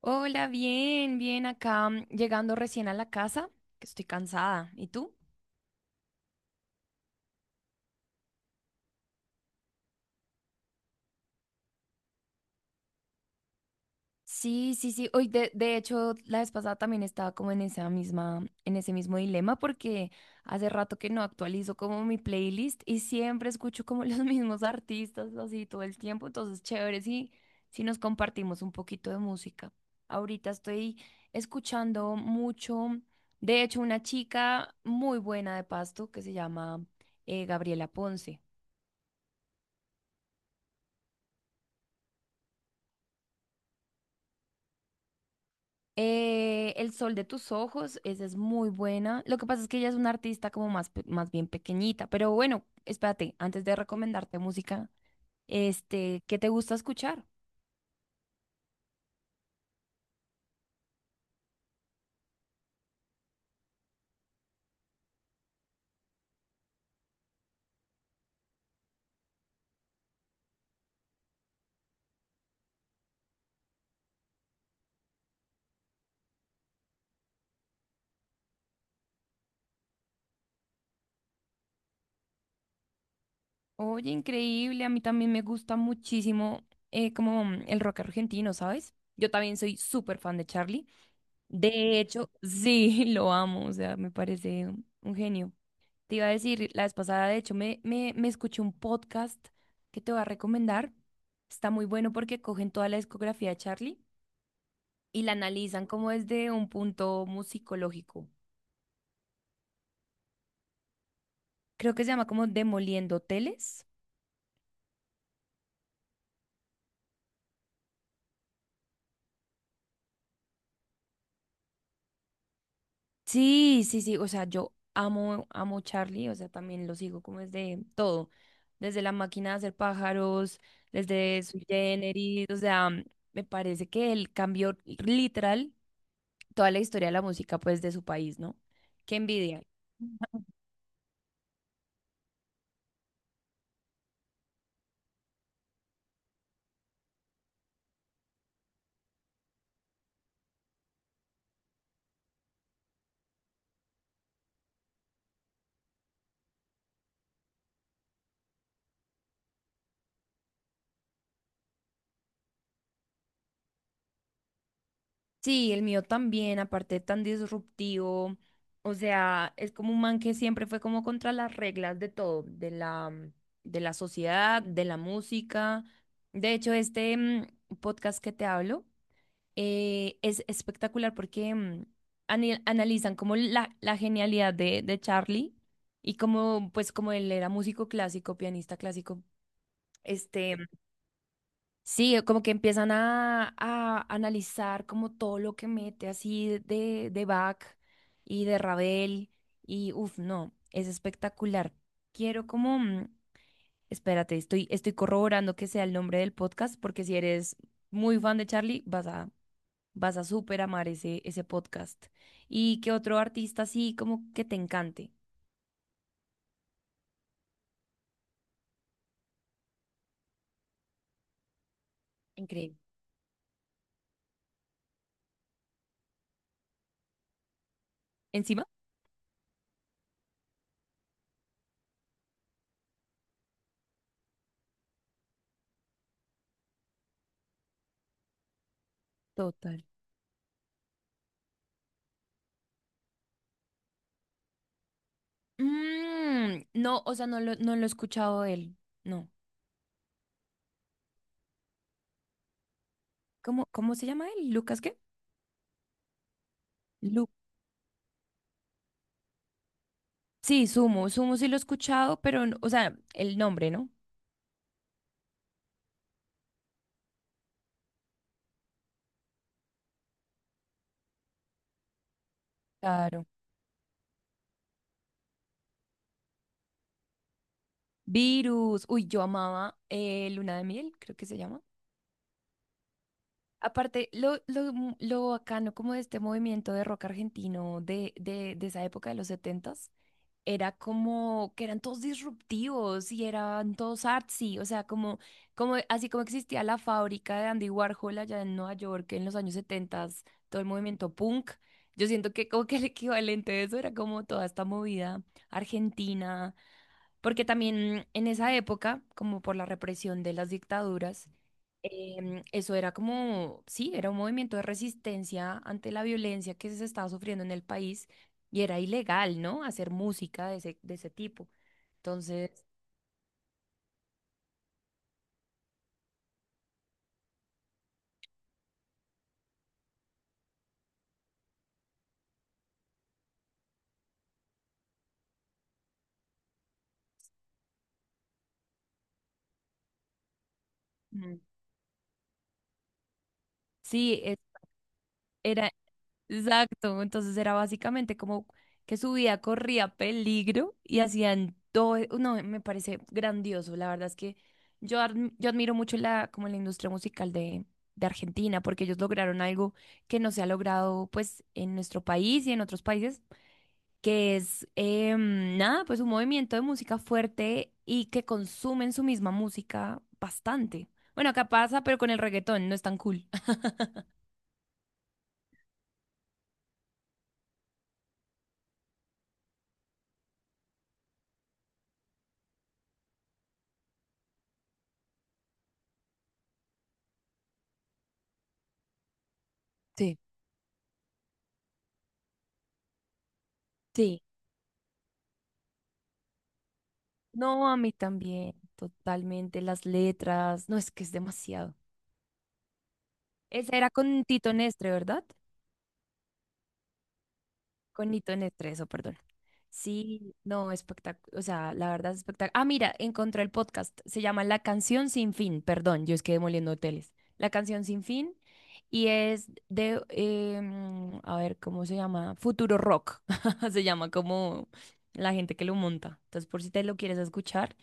Hola, bien, bien acá, llegando recién a la casa, que estoy cansada. ¿Y tú? Sí, sí, sí. Hoy de hecho, la vez pasada también estaba como en esa misma, en ese mismo dilema porque hace rato que no actualizo como mi playlist y siempre escucho como los mismos artistas así todo el tiempo. Entonces, chévere si, si nos compartimos un poquito de música. Ahorita estoy escuchando mucho, de hecho, una chica muy buena de Pasto que se llama Gabriela Ponce. El sol de tus ojos, esa es muy buena. Lo que pasa es que ella es una artista como más, más bien pequeñita, pero bueno, espérate, antes de recomendarte música, ¿qué te gusta escuchar? Oye, increíble, a mí también me gusta muchísimo como el rock argentino, ¿sabes? Yo también soy súper fan de Charlie. De hecho, sí, lo amo, o sea, me parece un genio. Te iba a decir, la vez pasada, de hecho, me escuché un podcast que te voy a recomendar. Está muy bueno porque cogen toda la discografía de Charlie y la analizan como desde un punto musicológico. Creo que se llama como Demoliendo Teles. Sí, sí, sí, o sea, yo amo, amo Charlie, o sea, también lo sigo como desde todo, desde la máquina de hacer pájaros, desde su Generis, o sea, me parece que él cambió literal toda la historia de la música pues de su país, ¿no? Qué envidia. Sí, el mío también, aparte tan disruptivo. O sea, es como un man que siempre fue como contra las reglas de todo, de la, de la sociedad, de la música. De hecho, este podcast que te hablo es espectacular porque analizan como la genialidad de Charlie y como, pues como él era músico clásico, pianista clásico, este, sí, como que empiezan a analizar como todo lo que mete así de Bach y de Ravel y uff, no, es espectacular. Quiero como, espérate, estoy, estoy corroborando que sea el nombre del podcast porque si eres muy fan de Charlie vas a, vas a súper amar ese, ese podcast. ¿Y qué otro artista así como que te encante? Increíble. ¿Encima? Total. Mm, no, o sea, no lo, no lo he escuchado de él, no. ¿Cómo, cómo se llama él? ¿Lucas qué? Lu sí, Sumo. Sumo sí lo he escuchado, pero, o sea, el nombre, ¿no? Claro. Virus. Uy, yo amaba Luna de Miel, creo que se llama. Aparte, lo, lo bacano como de este movimiento de rock argentino de esa época de los setentas. Era como que eran todos disruptivos y eran todos artsy, o sea, como, como así como existía la fábrica de Andy Warhol allá en Nueva York en los años 70, todo el movimiento punk. Yo siento que como que el equivalente de eso era como toda esta movida argentina, porque también en esa época, como por la represión de las dictaduras, eso era como, sí, era un movimiento de resistencia ante la violencia que se estaba sufriendo en el país y era ilegal, ¿no? Hacer música de ese tipo. Entonces, mm, sí, era, exacto, entonces era básicamente como que su vida corría peligro y hacían todo, e, no, me parece grandioso, la verdad es que yo, yo admiro mucho la, como la industria musical de Argentina, porque ellos lograron algo que no se ha logrado pues en nuestro país y en otros países, que es, nada, pues un movimiento de música fuerte y que consumen su misma música bastante. Bueno, acá pasa, pero con el reggaetón no es tan cool. Sí. No, a mí también, totalmente. Las letras, no, es que es demasiado. Esa era con Tito Nestre, ¿verdad? Con Tito Nestre, eso, perdón. Sí, no, espectacular. O sea, la verdad es espectacular. Ah, mira, encontré el podcast. Se llama La Canción Sin Fin. Perdón, yo es que demoliendo hoteles. La Canción Sin Fin. Y es de, a ver, ¿cómo se llama? Futuro Rock. Se llama como la gente que lo monta. Entonces, por si te lo quieres escuchar.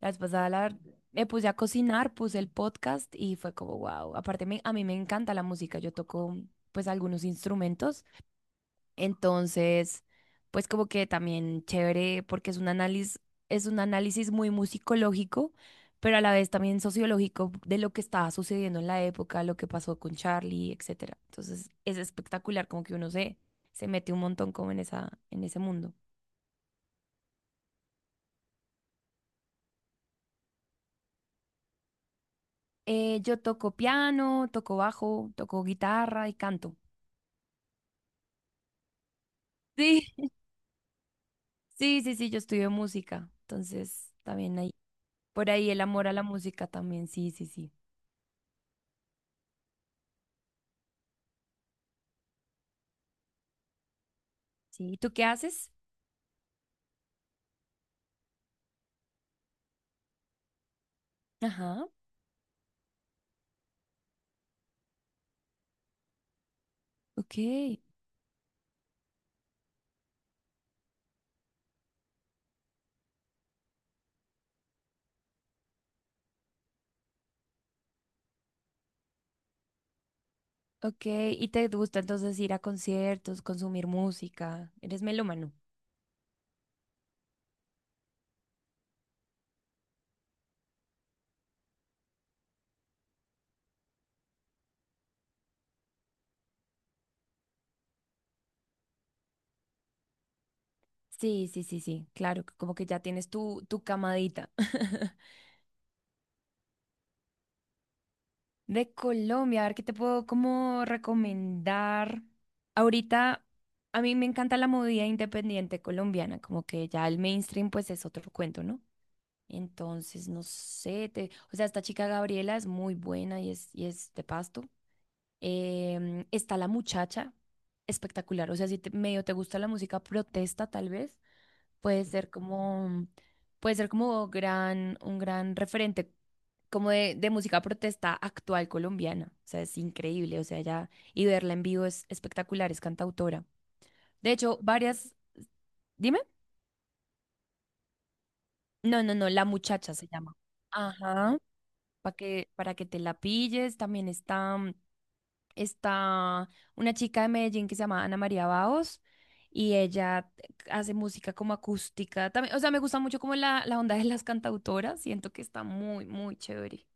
La vez pasada me puse a cocinar, puse el podcast y fue como, wow. Aparte, a mí me encanta la música. Yo toco, pues, algunos instrumentos. Entonces, pues, como que también chévere porque es un análisis muy musicológico, pero a la vez también sociológico de lo que estaba sucediendo en la época, lo que pasó con Charlie, etcétera. Entonces, es espectacular como que uno se, se mete un montón como en esa, en ese mundo. Yo toco piano, toco bajo, toco guitarra y canto. Sí, sí, sí, sí, yo estudio música, entonces también hay por ahí el amor a la música también, sí, sí, sí. Sí, ¿y tú qué haces? Ajá, ok, ok, ¿y te gusta entonces ir a conciertos, consumir música? ¿Eres melómano? Sí, sí, sí, sí, claro, que como que ya tienes tu, tu camadita. De Colombia, a ver qué te puedo como recomendar. Ahorita a mí me encanta la movida independiente colombiana, como que ya el mainstream pues es otro cuento, ¿no? Entonces, no sé, o sea, esta chica Gabriela es muy buena y es de Pasto. Está la muchacha, espectacular. O sea, si medio te gusta la música protesta, tal vez, puede ser como, puede ser como gran, un gran referente como de música protesta actual colombiana. O sea, es increíble. O sea, ya, y verla en vivo es espectacular, es cantautora. De hecho, varias, dime. No, no, no, la muchacha se llama. Ajá. Para que, para que te la pilles. También está, está una chica de Medellín que se llama Ana María Baos y ella hace música como acústica. También, o sea, me gusta mucho como la onda de las cantautoras. Siento que está muy, muy chévere.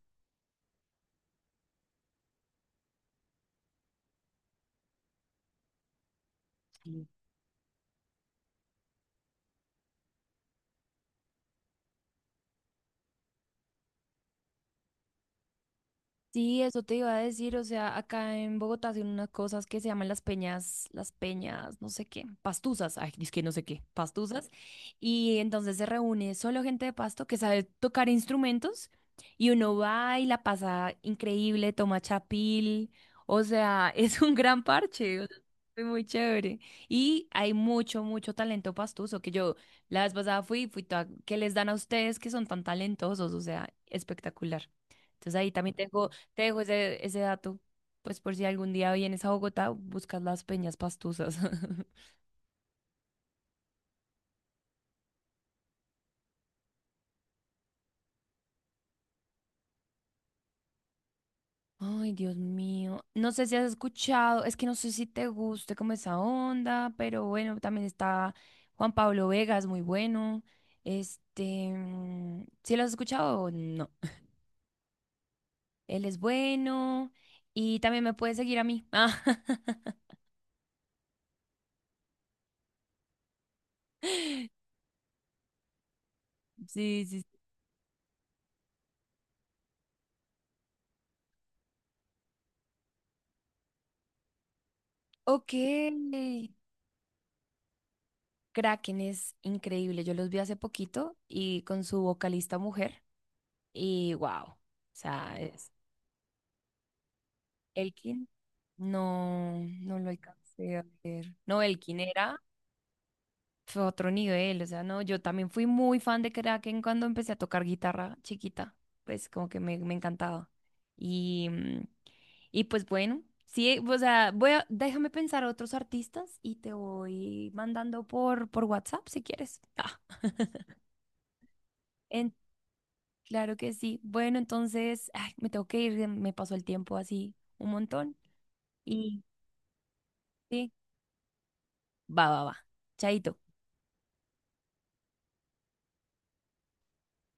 Sí, eso te iba a decir, o sea, acá en Bogotá hacen unas cosas que se llaman las peñas, no sé qué, pastusas, ay, es que no sé qué, pastusas, y entonces se reúne solo gente de Pasto que sabe tocar instrumentos y uno va y la pasa increíble, toma chapil, o sea, es un gran parche, o sea, fue muy chévere. Y hay mucho, mucho talento pastuso, que yo la vez pasada fui, fui toda, que les dan a ustedes que son tan talentosos, o sea, espectacular. Entonces ahí también tengo te dejo ese, ese dato, pues por si algún día vienes a Bogotá, buscas las peñas pastuzas. Ay, Dios mío. No sé si has escuchado, es que no sé si te guste como esa onda, pero bueno, también está Juan Pablo Vega, es muy bueno. Este, ¿sí lo has escuchado o no? Él es bueno y también me puede seguir a mí. Ah, sí, sí, sí. Ok. Kraken es increíble. Yo los vi hace poquito y con su vocalista mujer. Y wow, o sea, es Elkin. No, no lo alcancé a ver. No, Elkin era, fue otro nivel, o sea, no, yo también fui muy fan de Kraken cuando empecé a tocar guitarra chiquita, pues como que me encantaba. Y, y pues bueno, sí, o sea, voy a, déjame pensar a otros artistas y te voy mandando por WhatsApp si quieres. Ah, en- claro que sí. Bueno, entonces, ay, me tengo que ir, me pasó el tiempo así un montón. Y sí, va, va, va. Chaito.